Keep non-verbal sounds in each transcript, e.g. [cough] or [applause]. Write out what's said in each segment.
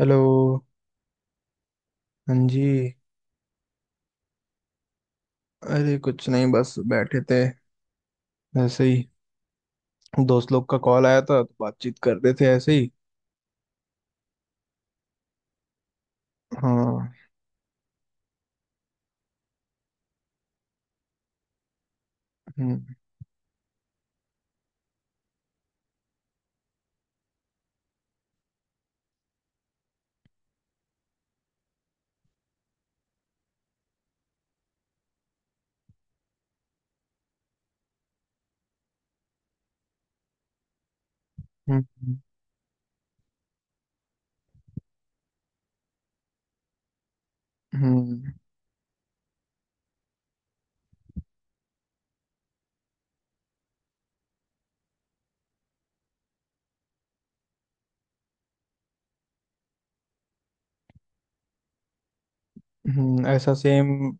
Hello. हाँ जी। अरे कुछ नहीं, बस बैठे थे ऐसे ही। दोस्त लोग का कॉल आया था तो बातचीत कर रहे थे ऐसे ही। हाँ। हम्म। हम्म। हम्म। हम्म। ऐसा सेम।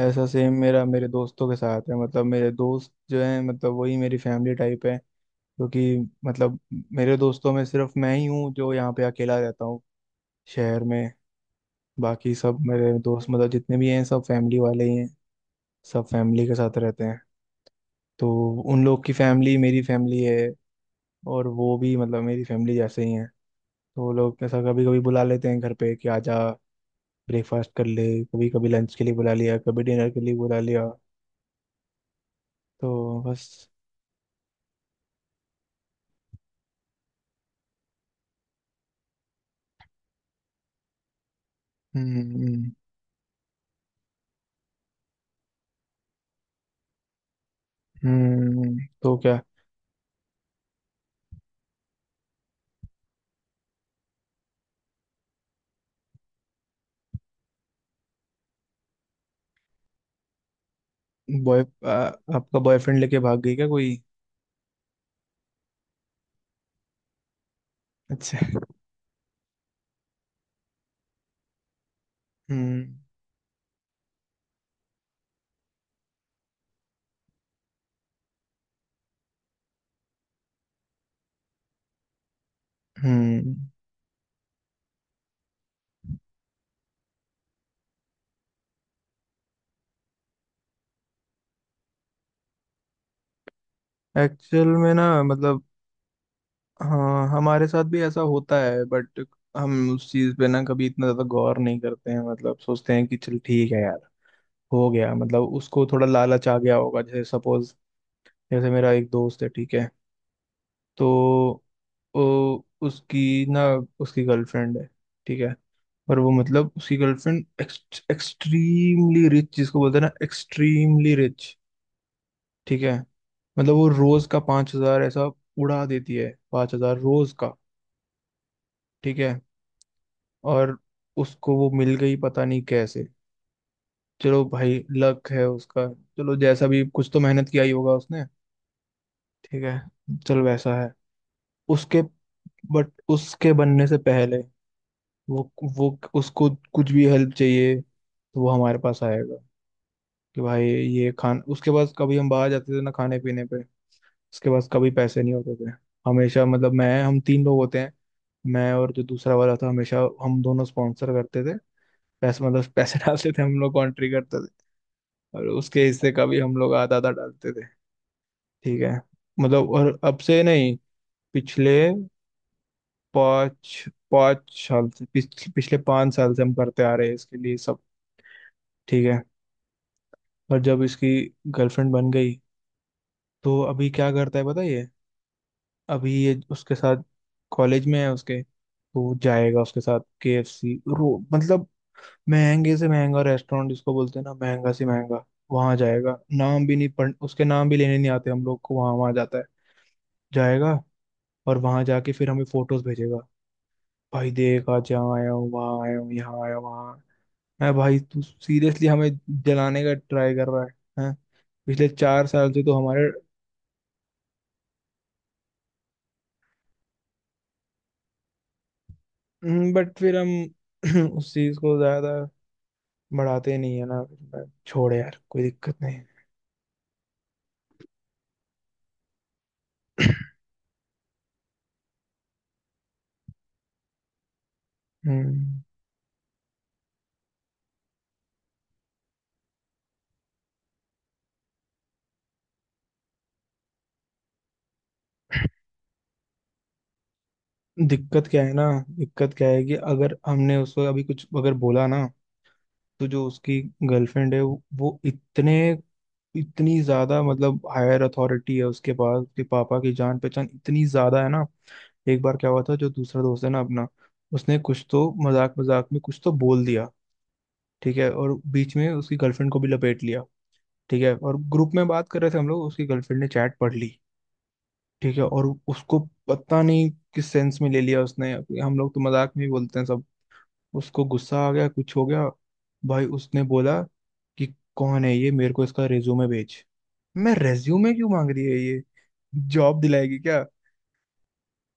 मेरा मेरे दोस्तों के साथ है, मतलब मेरे दोस्त जो हैं मतलब वही मेरी फैमिली टाइप है। क्योंकि मतलब मेरे दोस्तों में सिर्फ मैं ही हूँ जो यहाँ पे अकेला रहता हूँ, शहर में। बाकी सब मेरे दोस्त मतलब जितने भी हैं सब फैमिली वाले ही हैं, सब फैमिली के साथ रहते हैं। तो उन लोग की फैमिली मेरी फैमिली है, और वो भी मतलब मेरी फैमिली जैसे ही है। तो वो लोग ऐसा कभी कभी बुला लेते हैं घर पे कि आजा, ब्रेकफास्ट कर ले, कभी कभी लंच के लिए बुला लिया, कभी डिनर के लिए बुला लिया, तो बस। हम्म। हम्म। तो क्या। बॉय आ, आपका बॉयफ्रेंड लेके भाग गई क्या कोई? अच्छा। हम्म। हम्म। एक्चुअल में ना मतलब, हाँ हमारे साथ भी ऐसा होता है, बट हम उस चीज़ पे ना कभी इतना ज़्यादा गौर नहीं करते हैं, मतलब सोचते हैं कि चल ठीक है यार, हो गया। मतलब उसको थोड़ा लालच आ गया होगा, जैसे सपोज। जैसे मेरा एक दोस्त है, ठीक है, तो वो उसकी ना, उसकी गर्लफ्रेंड है, ठीक है। और वो मतलब उसकी गर्लफ्रेंड एक्सट्रीमली रिच, जिसको बोलते हैं ना एक्सट्रीमली रिच, ठीक है। मतलब वो रोज का 5 हज़ार ऐसा उड़ा देती है, 5 हज़ार रोज का, ठीक है। और उसको वो मिल गई पता नहीं कैसे, चलो भाई लक है उसका। चलो, जैसा भी कुछ तो मेहनत किया ही होगा उसने, ठीक है। चल वैसा है उसके। बट उसके बनने से पहले वो वो उसको कुछ भी हेल्प चाहिए तो वो हमारे पास आएगा कि भाई ये खान। उसके पास, कभी हम बाहर जाते थे ना खाने पीने पे, उसके पास कभी पैसे नहीं होते थे। हमेशा मतलब मैं, हम 3 लोग होते हैं, मैं और जो दूसरा वाला था, हमेशा हम दोनों स्पॉन्सर करते थे, पैसे मतलब पैसे [laughs] डालते थे, हम लोग कॉन्ट्री करते थे। और उसके हिस्से का भी हम लोग आधा आधा डालते थे, ठीक है। मतलब और अब से नहीं, पिछले पाँच पाँच साल से, पिछले 5 साल से हम करते आ रहे हैं इसके लिए सब, ठीक है। पर जब इसकी गर्लफ्रेंड बन गई तो अभी क्या करता है पता है ये। अभी ये उसके साथ कॉलेज में है उसके, तो वो जाएगा उसके साथ KFC, रो मतलब महंगे से महंगा रेस्टोरेंट जिसको बोलते हैं ना, महंगा से महंगा वहां जाएगा। नाम भी नहीं पढ़, उसके नाम भी लेने नहीं आते हम लोग को, वहां वहां जाता है जाएगा। और वहां जाके फिर हमें फोटोज भेजेगा, भाई देख आज यहाँ आया हूँ वहाँ आया हूँ यहाँ आया हूँ वहाँ। है भाई, तू सीरियसली हमें जलाने का ट्राई कर रहा है? हैं? पिछले 4 साल से तो हमारे। बट फिर हम [clears throat] उस चीज को ज्यादा बढ़ाते नहीं है ना, छोड़ यार कोई दिक्कत नहीं। [clears throat] हम्म। दिक्कत क्या है ना, दिक्कत क्या है कि अगर हमने उसको अभी कुछ अगर बोला ना, तो जो उसकी गर्लफ्रेंड है वो इतने, इतनी ज्यादा मतलब हायर अथॉरिटी है उसके पास, उसके पापा की जान पहचान इतनी ज्यादा है ना। एक बार क्या हुआ था, जो दूसरा दोस्त है ना अपना, उसने कुछ तो मजाक मजाक में कुछ तो बोल दिया, ठीक है, और बीच में उसकी गर्लफ्रेंड को भी लपेट लिया, ठीक है। और ग्रुप में बात कर रहे थे हम लोग, उसकी गर्लफ्रेंड ने चैट पढ़ ली, ठीक है। और उसको पता नहीं किस सेंस में ले लिया उसने, हम लोग तो मजाक में ही बोलते हैं सब। उसको गुस्सा आ गया कुछ हो गया, भाई उसने बोला कि कौन है ये, मेरे को इसका रेज्यूमे भेज। मैं रेज्यूमे क्यों मांग रही है ये, जॉब दिलाएगी क्या?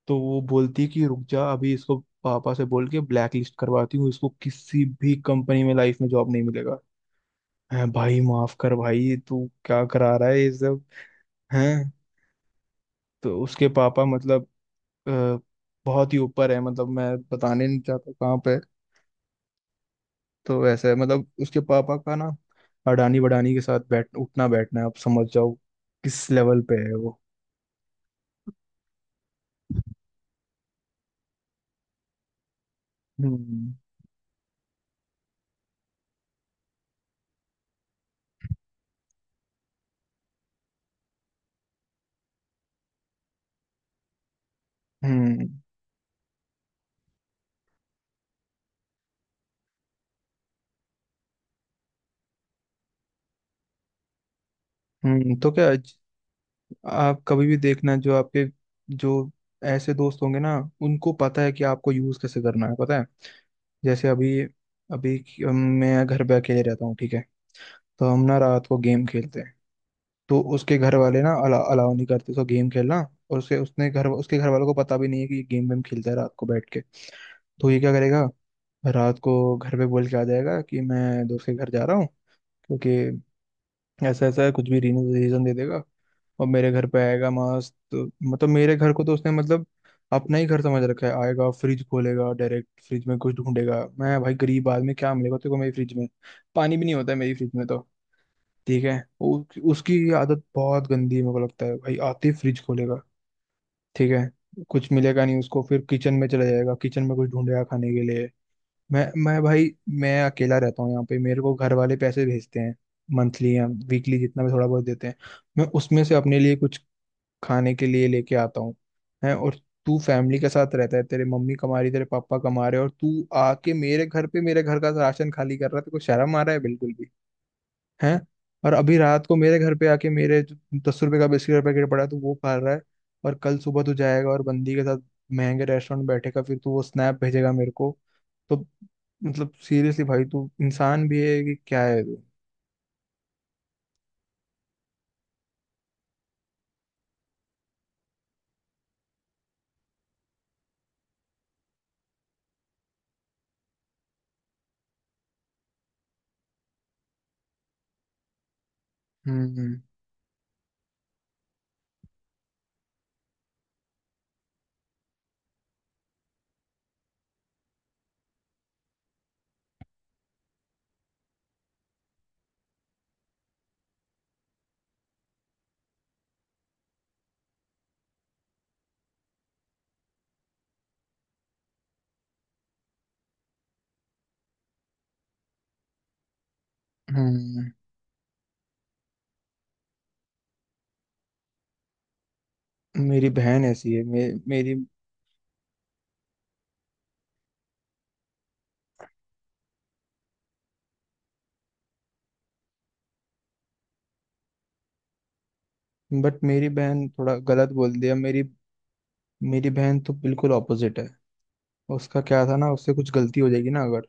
तो वो बोलती है कि रुक जा अभी इसको, पापा से बोल के ब्लैक लिस्ट करवाती हूँ इसको, किसी भी कंपनी में लाइफ में जॉब नहीं मिलेगा। हैं? भाई माफ कर, भाई तू क्या करा रहा है ये सब? हैं? तो उसके पापा मतलब अ, बहुत ही ऊपर है, मतलब मैं बताने नहीं चाहता कहाँ पे। तो वैसे है मतलब उसके पापा का ना अडानी बडानी के साथ बैठ उठना बैठना है, आप समझ जाओ किस लेवल पे है वो। हम्म। हम्म। तो क्या। आप कभी भी देखना, जो आपके जो ऐसे दोस्त होंगे ना, उनको पता है कि आपको यूज कैसे करना है, पता है। जैसे अभी, अभी मैं घर पे अकेले रहता हूँ, ठीक है, तो हम ना रात को गेम खेलते हैं, तो उसके घर वाले ना अलाउ नहीं करते उसको गेम खेलना। और उसके उसने घर उसके घर वालों को पता भी नहीं है कि ये गेम वेम खेलता है रात को बैठ के। तो ये क्या करेगा, रात को घर पे बोल के आ जाएगा कि मैं दोस्त के घर जा रहा हूँ, क्योंकि ऐसा ऐसा है, कुछ भी रीजन दे देगा। और मेरे घर पे आएगा मस्त, मतलब मेरे घर को तो उसने मतलब अपना ही घर समझ रखा है। आएगा फ्रिज खोलेगा, डायरेक्ट फ्रिज में कुछ ढूंढेगा, मैं भाई गरीब आदमी क्या मिलेगा तेरे को मेरी फ्रिज में, पानी भी नहीं होता है मेरी फ्रिज में तो, ठीक है। उ, उसकी ये आदत बहुत गंदी है, मेरे को लगता है भाई आते ही फ्रिज खोलेगा, ठीक है। कुछ मिलेगा नहीं उसको फिर किचन में चला जाएगा, किचन में कुछ ढूंढेगा खाने के लिए। मैं भाई, मैं अकेला रहता हूँ यहाँ पे, मेरे को घर वाले पैसे भेजते हैं, मंथली या वीकली, जितना भी थोड़ा बहुत देते हैं, मैं उसमें से अपने लिए कुछ खाने के लिए लेके आता हूँ। है? और तू फैमिली के साथ रहता है, तेरे मम्मी कमा रही, तेरे पापा कमा रहे, और तू आके मेरे घर पे मेरे घर का राशन खाली कर रहा है, तेरे को शर्म आ रहा है बिल्कुल? हैं? और अभी रात को मेरे घर पे आके मेरे जो 10 रुपए का बिस्किट का पैकेट पड़ा है तो वो खा रहा है, और कल सुबह तू जाएगा और बंदी के साथ महंगे रेस्टोरेंट में बैठेगा, फिर तू वो स्नैप भेजेगा मेरे को। तो मतलब सीरियसली भाई, तू इंसान भी है कि क्या है तू? हम्म। हम्म। मेरी बहन ऐसी है मेरी, बट मेरी बहन थोड़ा गलत बोल दिया, मेरी मेरी बहन तो बिल्कुल ऑपोजिट है। उसका क्या था ना, उससे कुछ गलती हो जाएगी ना अगर,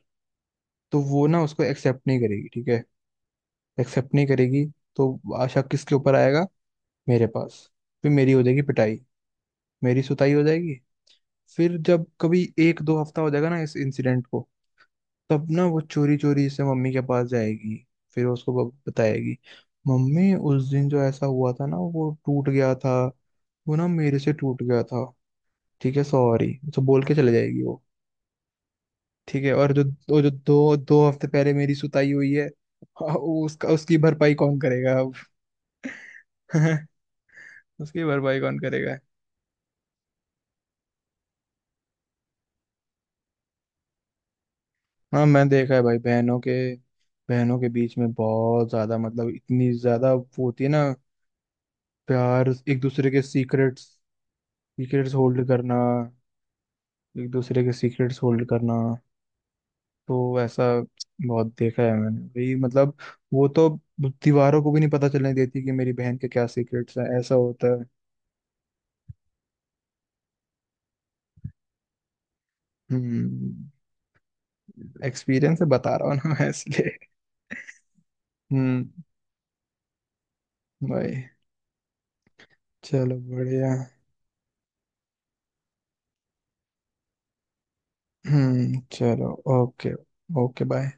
तो वो ना उसको एक्सेप्ट नहीं करेगी, ठीक है, एक्सेप्ट नहीं करेगी। तो आशा किसके ऊपर आएगा, मेरे पास। फिर मेरी हो जाएगी पिटाई, मेरी सुताई हो जाएगी। फिर जब कभी एक दो हफ्ता हो जाएगा ना इस इंसिडेंट को, तब ना वो चोरी चोरी से मम्मी के पास जाएगी, फिर उसको बताएगी, मम्मी उस दिन जो ऐसा हुआ था ना वो टूट गया था, वो ना मेरे से टूट गया था, ठीक है सॉरी, तो बोल के चले जाएगी वो, ठीक है। और जो वो जो दो दो हफ्ते पहले मेरी सुताई हुई है [laughs] उसका उसकी भरपाई कौन करेगा अब? [laughs] उसकी भरपाई कौन करेगा? हाँ मैंने देखा है भाई, बहनों के बीच में बहुत ज्यादा, मतलब इतनी ज्यादा वो होती है ना, प्यार। एक दूसरे के सीक्रेट्स, सीक्रेट्स होल्ड करना, एक दूसरे के सीक्रेट्स होल्ड करना। तो ऐसा बहुत देखा है मैंने भाई, मतलब वो तो दीवारों को भी नहीं पता चलने देती कि मेरी बहन के क्या सीक्रेट्स हैं, ऐसा होता है। हम्म। एक्सपीरियंस से बता रहा हूँ ना मैं इसलिए। [laughs] हम्म। भाई, चलो बढ़िया। चलो। ओके। Okay bye.